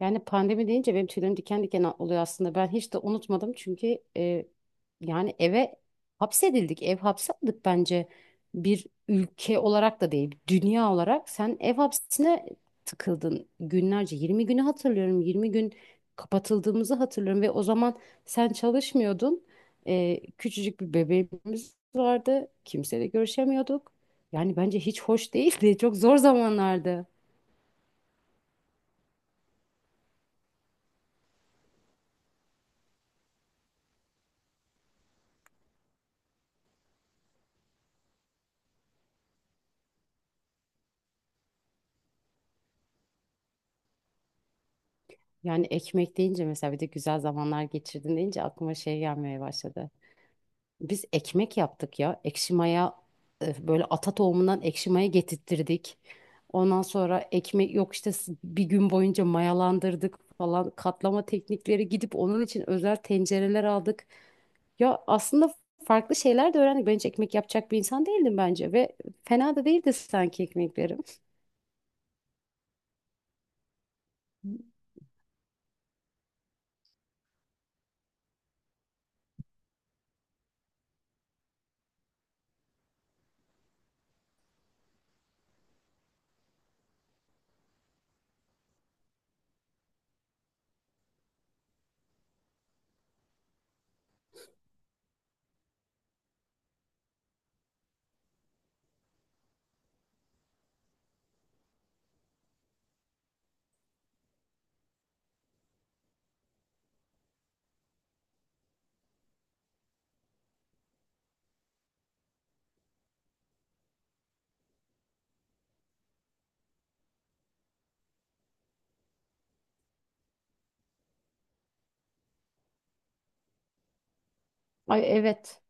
Yani pandemi deyince benim tüylerim diken diken oluyor aslında. Ben hiç de unutmadım çünkü yani eve hapsedildik. Ev hapsi aldık bence. Bir ülke olarak da değil, dünya olarak. Sen ev hapsine tıkıldın günlerce. 20 günü hatırlıyorum. 20 gün kapatıldığımızı hatırlıyorum ve o zaman sen çalışmıyordun. Küçücük bir bebeğimiz vardı. Kimseyle görüşemiyorduk. Yani bence hiç hoş değildi. Çok zor zamanlardı. Yani ekmek deyince mesela bir de güzel zamanlar geçirdin deyince aklıma şey gelmeye başladı. Biz ekmek yaptık ya. Ekşi maya böyle ata tohumundan ekşi maya getirttirdik. Ondan sonra ekmek yok işte bir gün boyunca mayalandırdık falan, katlama teknikleri gidip onun için özel tencereler aldık. Ya aslında farklı şeyler de öğrendik. Ben hiç ekmek yapacak bir insan değildim bence ve fena da değildi sanki ekmeklerim. Ay, evet.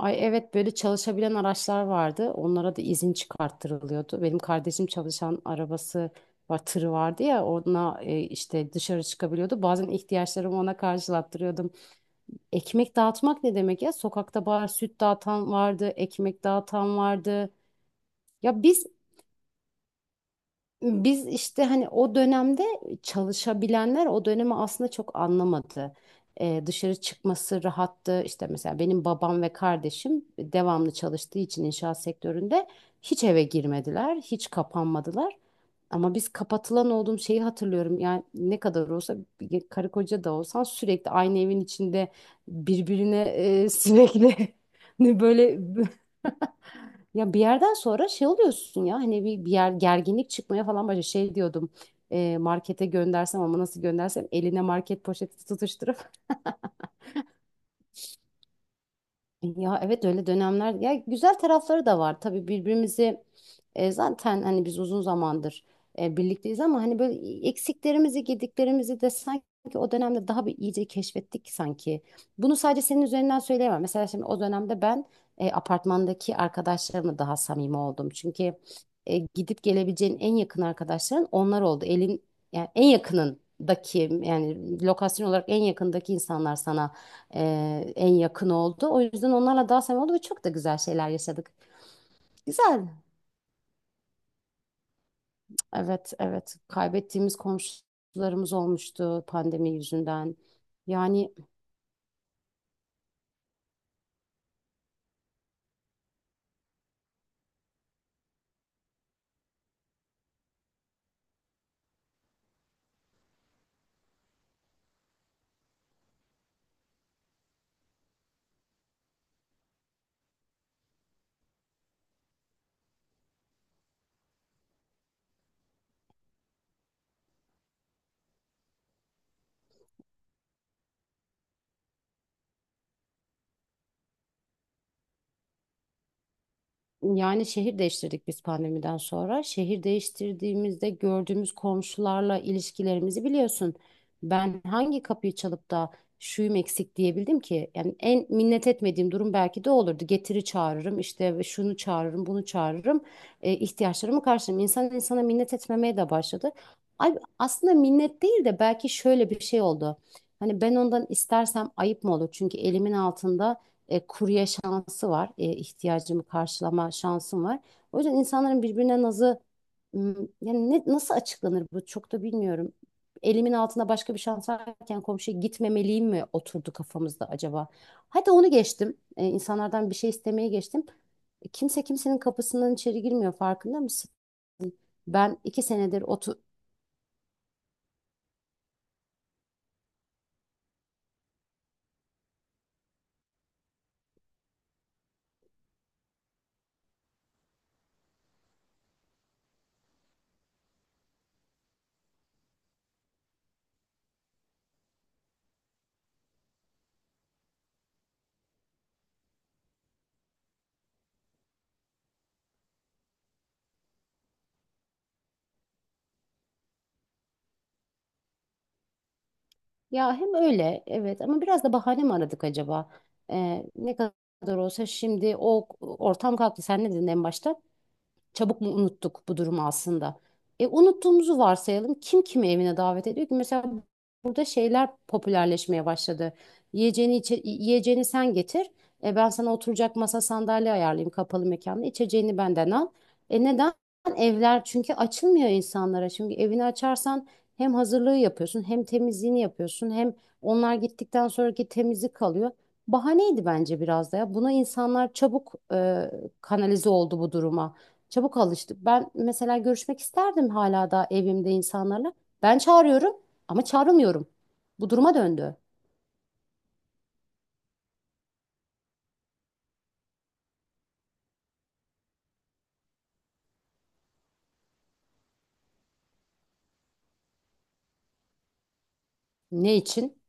Ay evet, böyle çalışabilen araçlar vardı. Onlara da izin çıkarttırılıyordu. Benim kardeşim çalışan arabası var, tırı vardı ya, ona işte dışarı çıkabiliyordu. Bazen ihtiyaçlarımı ona karşılattırıyordum. Ekmek dağıtmak ne demek ya? Sokakta bar süt dağıtan vardı, ekmek dağıtan vardı. Ya biz Biz işte hani o dönemde çalışabilenler o dönemi aslında çok anlamadı. Dışarı çıkması rahattı. İşte mesela benim babam ve kardeşim devamlı çalıştığı için inşaat sektöründe hiç eve girmediler, hiç kapanmadılar. Ama biz kapatılan olduğum şeyi hatırlıyorum. Yani ne kadar olsa bir karı koca da olsan sürekli aynı evin içinde birbirine sürekli böyle Ya bir yerden sonra şey oluyorsun ya, hani bir yer gerginlik çıkmaya falan başlıyor. Şey diyordum, markete göndersem ama nasıl göndersem eline market poşeti tutuşturup. Ya evet, öyle dönemler ya, güzel tarafları da var tabii. Birbirimizi zaten hani biz uzun zamandır birlikteyiz ama hani böyle eksiklerimizi gediklerimizi de sanki o dönemde daha bir iyice keşfettik sanki. Bunu sadece senin üzerinden söyleyemem. Mesela şimdi o dönemde ben apartmandaki arkadaşlarımla daha samimi oldum. Çünkü gidip gelebileceğin en yakın arkadaşların onlar oldu. Elin, yani en yakınındaki, yani lokasyon olarak en yakındaki insanlar sana e, en yakın oldu. O yüzden onlarla daha samimi oldu ve çok da güzel şeyler yaşadık. Güzel. Evet, evet. Kaybettiğimiz komşularımız olmuştu pandemi yüzünden. Yani Yani şehir değiştirdik biz pandemiden sonra. Şehir değiştirdiğimizde gördüğümüz komşularla ilişkilerimizi biliyorsun. Ben hangi kapıyı çalıp da şuyum eksik diyebildim ki? Yani en minnet etmediğim durum belki de olurdu. Getiri çağırırım işte, ve şunu çağırırım, bunu çağırırım. İhtiyaçlarımı karşılarım. İnsan insana minnet etmemeye de başladı. Ay, aslında minnet değil de belki şöyle bir şey oldu. Hani ben ondan istersem ayıp mı olur? Çünkü elimin altında kurye şansı var. İhtiyacımı karşılama şansım var. O yüzden insanların birbirine nazı m, yani ne, nasıl açıklanır bu, çok da bilmiyorum. Elimin altında başka bir şans varken komşuya gitmemeliyim mi oturdu kafamızda acaba? Hadi onu geçtim. İnsanlardan bir şey istemeye geçtim. Kimse kimsenin kapısından içeri girmiyor, farkında mısın? Ben iki senedir. Ya hem öyle evet, ama biraz da bahane mi aradık acaba? Ne kadar olsa şimdi o ortam kalktı. Sen ne dedin en başta? Çabuk mu unuttuk bu durumu aslında? Unuttuğumuzu varsayalım. Kim kimi evine davet ediyor ki? Mesela burada şeyler popülerleşmeye başladı. Yiyeceğini, yiyeceğini sen getir. Ben sana oturacak masa sandalye ayarlayayım kapalı mekanda. İçeceğini benden al. Neden? Evler çünkü açılmıyor insanlara. Çünkü evini açarsan hem hazırlığı yapıyorsun, hem temizliğini yapıyorsun, hem onlar gittikten sonraki temizlik kalıyor. Bahaneydi bence biraz da ya. Buna insanlar çabuk kanalize oldu bu duruma. Çabuk alıştık. Ben mesela görüşmek isterdim hala da evimde insanlarla. Ben çağırıyorum ama çağrılmıyorum. Bu duruma döndü. Ne için?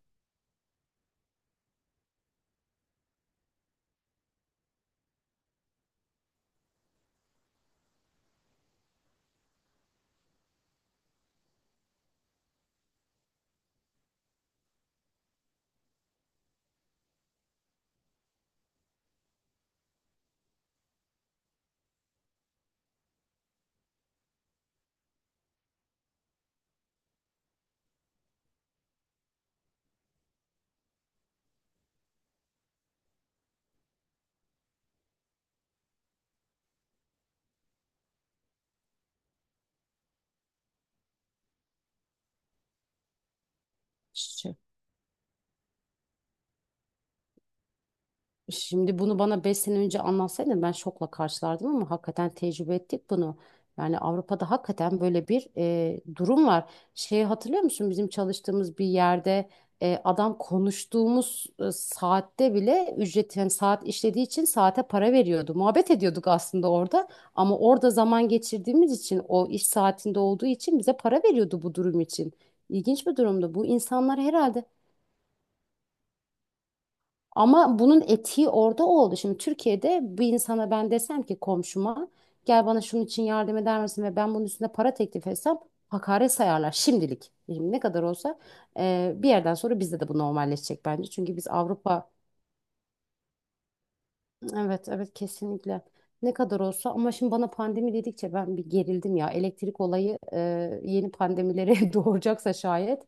Şimdi bunu bana 5 sene önce anlatsaydın ben şokla karşılardım, ama hakikaten tecrübe ettik bunu. Yani Avrupa'da hakikaten böyle bir durum var. Şeyi hatırlıyor musun? Bizim çalıştığımız bir yerde adam, konuştuğumuz saatte bile ücret, yani saat işlediği için saate para veriyordu. Muhabbet ediyorduk aslında orada, ama orada zaman geçirdiğimiz için, o iş saatinde olduğu için bize para veriyordu bu durum için. İlginç bir durumdu. Bu insanlar herhalde, ama bunun etiği orada oldu. Şimdi Türkiye'de bir insana ben desem ki komşuma, gel bana şunun için yardım eder misin, ve ben bunun üstüne para teklif etsem hakaret sayarlar şimdilik. Şimdi ne kadar olsa bir yerden sonra bizde de bu normalleşecek bence. Çünkü biz Avrupa. Evet, evet, kesinlikle. Ne kadar olsa. Ama şimdi bana pandemi dedikçe ben bir gerildim ya. Elektrik olayı yeni pandemilere doğuracaksa şayet,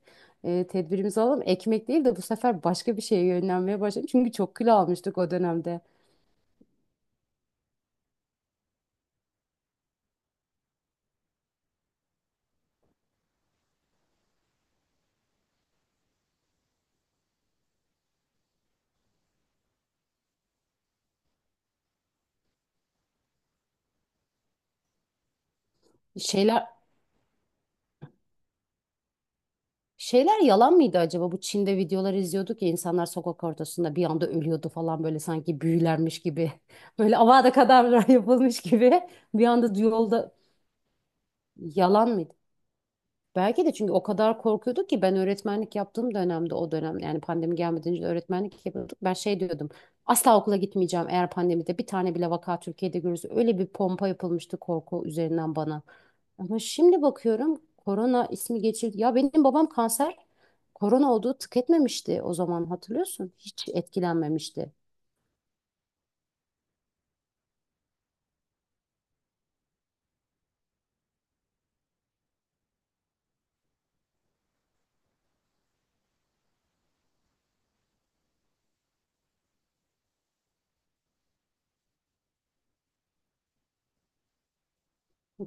tedbirimizi alalım. Ekmek değil de bu sefer başka bir şeye yönlenmeye başladım. Çünkü çok kilo almıştık o dönemde. Şeyler şeyler yalan mıydı acaba? Bu Çin'de videolar izliyorduk ya, insanlar sokak ortasında bir anda ölüyordu falan, böyle sanki büyülenmiş gibi. Böyle Avada Kedavra yapılmış gibi bir anda yolda. Yalan mıydı? Belki de, çünkü o kadar korkuyorduk ki. Ben öğretmenlik yaptığım dönemde, o dönem, yani pandemi gelmeden önce de öğretmenlik yapıyorduk. Ben şey diyordum, asla okula gitmeyeceğim eğer pandemide bir tane bile vaka Türkiye'de görürüz. Öyle bir pompa yapılmıştı korku üzerinden bana. Ama şimdi bakıyorum, korona ismi geçildi. Ya benim babam kanser, korona olduğu tık etmemişti o zaman, hatırlıyorsun. Hiç etkilenmemişti.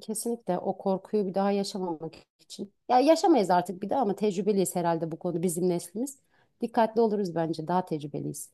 Kesinlikle o korkuyu bir daha yaşamamak için. Ya yaşamayız artık bir daha ama, tecrübeliyiz herhalde bu konu bizim neslimiz. Dikkatli oluruz, bence daha tecrübeliyiz.